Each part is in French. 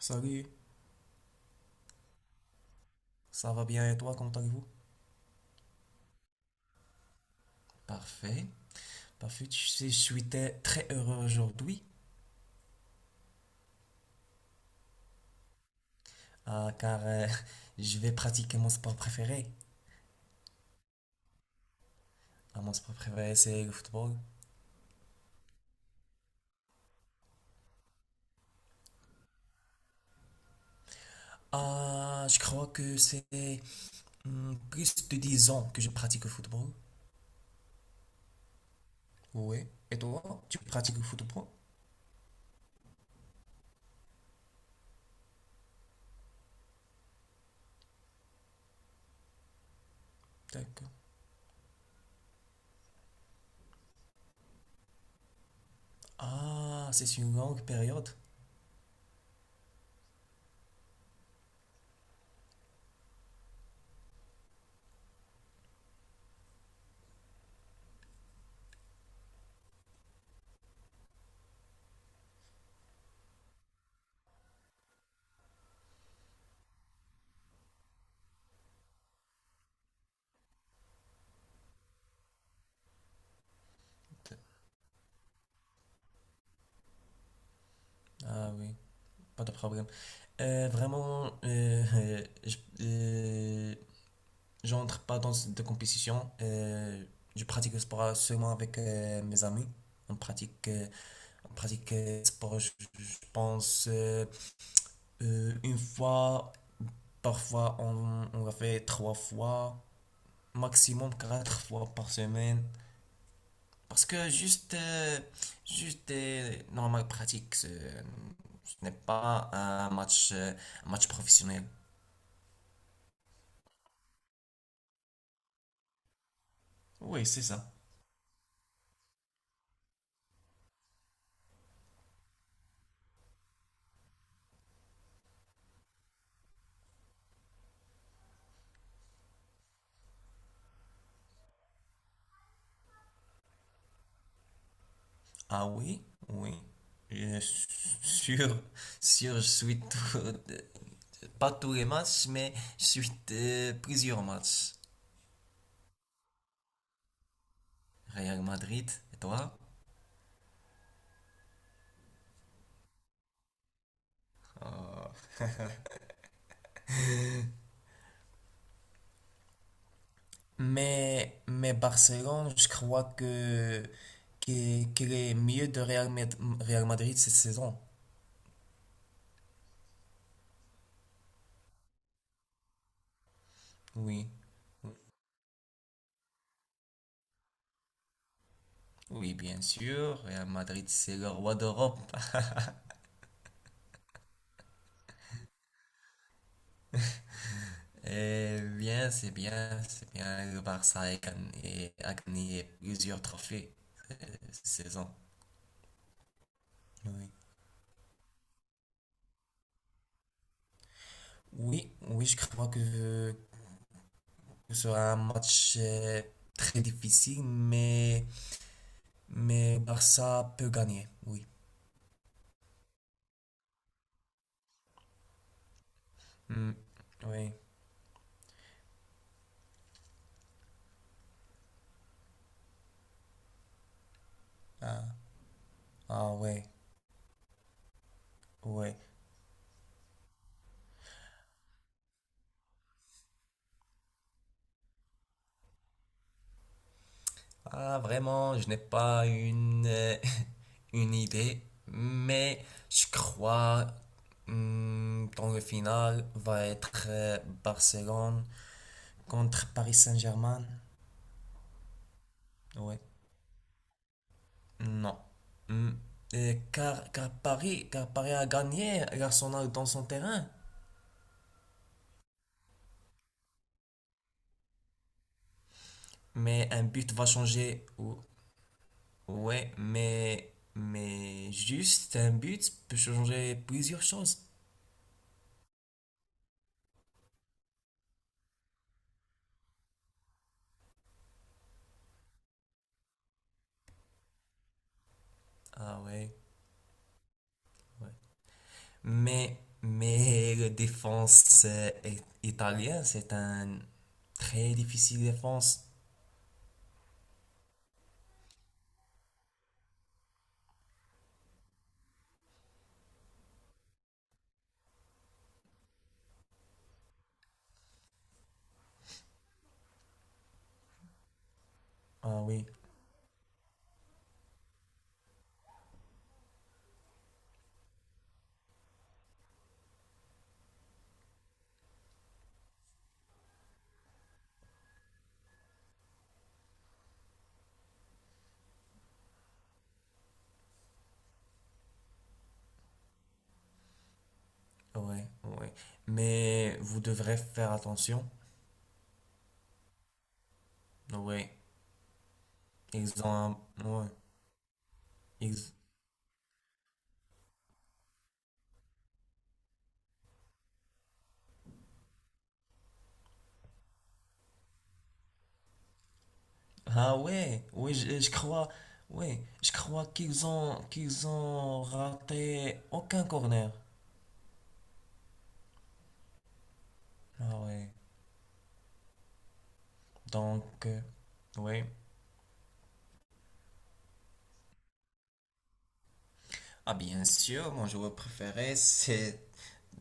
Salut, ça va bien et toi, comment allez-vous? Parfait. Parfait, je suis très très heureux aujourd'hui car je vais pratiquer mon sport préféré. Ah, mon sport préféré, c'est le football. Ah, je crois que c'est plus de 10 ans que je pratique le football. Oui. Et toi, tu pratiques le football? D'accord. Ah, c'est une longue période. Ah oui, pas de problème. Vraiment, j'entre pas dans de compétition. Je pratique le sport seulement avec mes amis. On pratique, euh, on pratique le sport, je pense, une fois. Parfois, on l'a fait trois fois, maximum quatre fois par semaine. Parce que juste normal pratique, ce n'est pas un match, un match professionnel. Oui, c'est ça. Ah oui, oui. Je suis sûr, sûr, pas tous les matchs, mais je suis plusieurs matchs. Real Madrid, et toi? Ah. Mais Barcelone, je crois qu'elle est mieux de Real Madrid cette saison. Oui, oui, bien sûr. Real Madrid, c'est le roi d'Europe. Eh bien, c'est bien, c'est bien. Le Barça a gagné plusieurs trophées euh, cette saison. Oui, oui, oui, je crois que ce sera un match très difficile, mais le Barça peut gagner, oui. Hmm. Oui, ah, ah ouais, ouais. Ah, vraiment, je n'ai pas une idée, mais je crois hmm, dans le final va être Barcelone contre Paris Saint-Germain. Ouais, non. Hmm, car Paris a gagné l'Arsenal dans son terrain, mais un but va changer. Ouais, mais juste un but peut changer plusieurs choses. Ah ouais, ouais. Mais, mais le défense italien, c'est un très difficile défense. Ah oui, ouais, ouais. Mais vous devrez faire attention. Ouais, ils ont un- ouais, ils- Ah ouais, oui, je crois, ouais, je crois qu'ils ont raté aucun corner. Ah ouais. Donc, ouais. Ah bien sûr, mon joueur préféré, c'est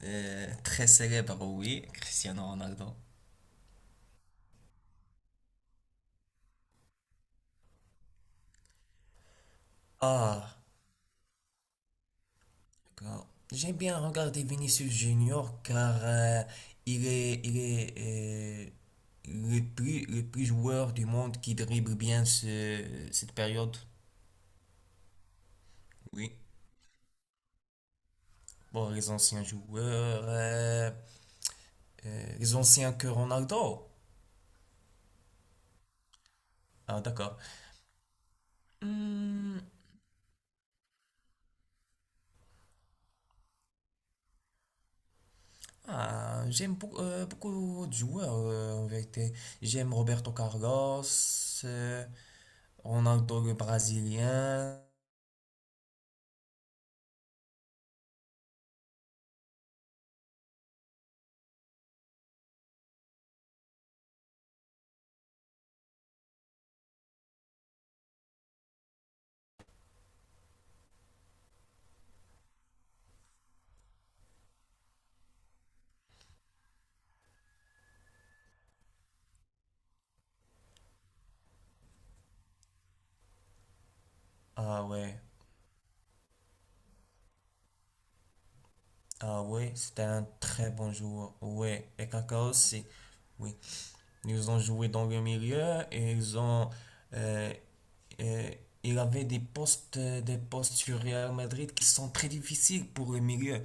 très célèbre, oui, Cristiano Ronaldo. Ah, d'accord. J'aime bien regarder Vinicius Junior car il est le plus joueur du monde qui dribble bien cette période. Oui. Bon, les anciens joueurs, les anciens que Ronaldo. Ah, d'accord. Hmm. Ah, j'aime beaucoup, beaucoup de joueurs en vérité. J'aime Roberto Carlos, euh, Ronaldo le Brésilien. Ah ouais, ah ouais, c'était un très bon joueur. Ouais, et Kaká aussi. Oui, ils ont joué dans le milieu et ils ont. euh, euh, il avait des postes sur Real Madrid qui sont très difficiles pour le milieu,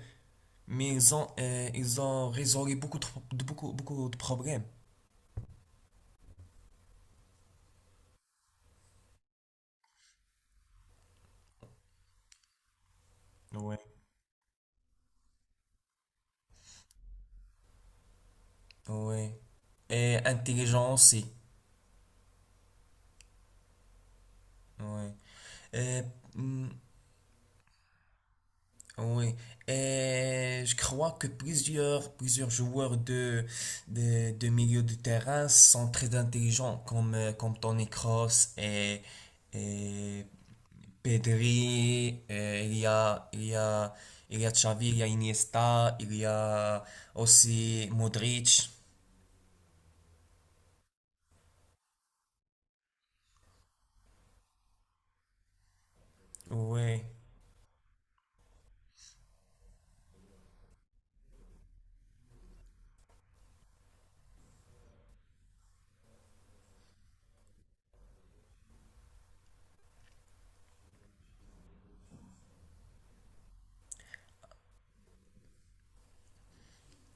mais ils ont résolu beaucoup de, beaucoup, beaucoup de problèmes. Ouais. Oui. Et intelligent aussi. Oui. Et, hmm, oui. Et je crois que plusieurs, plusieurs joueurs de milieu de terrain sont très intelligents, comme Toni Kroos et, et Pedri. Et il y a, il y a, il y a Xavi, il y a Iniesta, il y a aussi Modric. Oui.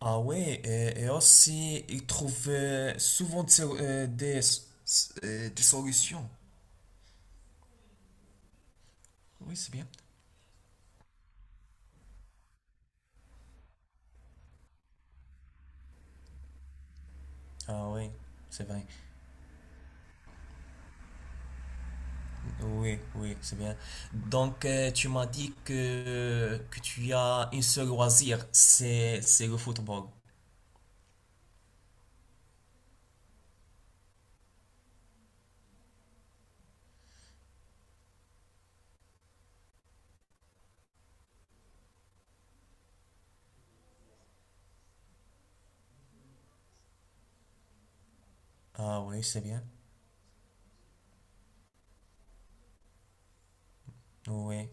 Ah ouais, et aussi, ils trouvent souvent des solutions. Oui, c'est bien. Ah oui, c'est vrai. Oui, oui, c'est bien. Donc, tu m'as dit que tu as un seul loisir, c'est le football. Ah oui, c'est bien. Oui,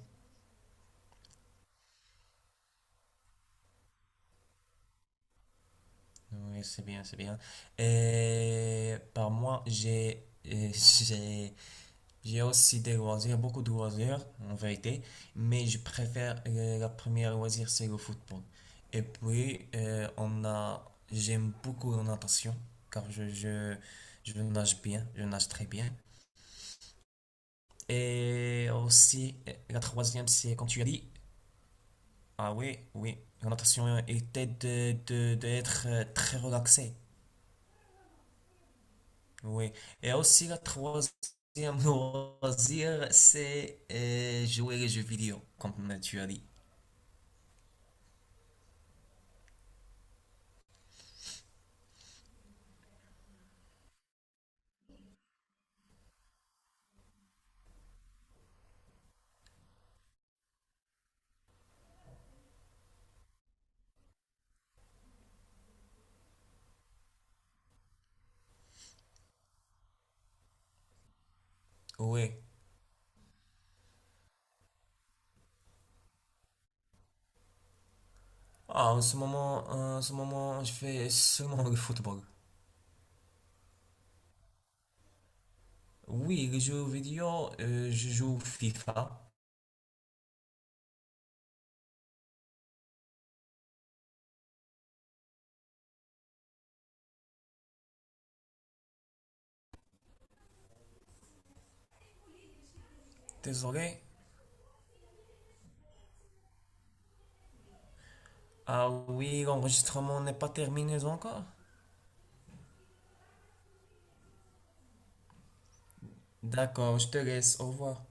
oui, c'est bien, c'est bien. Et par moi, euh, j'ai J'ai aussi des loisirs, beaucoup de loisirs en vérité, mais je préfère la première loisir, c'est le football. Et puis, j'aime beaucoup la natation, car je nage bien, je nage très bien. Et aussi, la troisième, c'est quand tu as dit, ah oui, oui, la natation était d'être très relaxé. Oui. Et aussi, la troisième loisir, c'est jouer les jeux vidéo, comme tu as dit. Oui. Ah, en ce moment, je fais seulement le football. Oui, les jeux vidéo, je joue FIFA. Désolé. Ah oui, l'enregistrement n'est pas terminé encore. D'accord, je te laisse. Au revoir.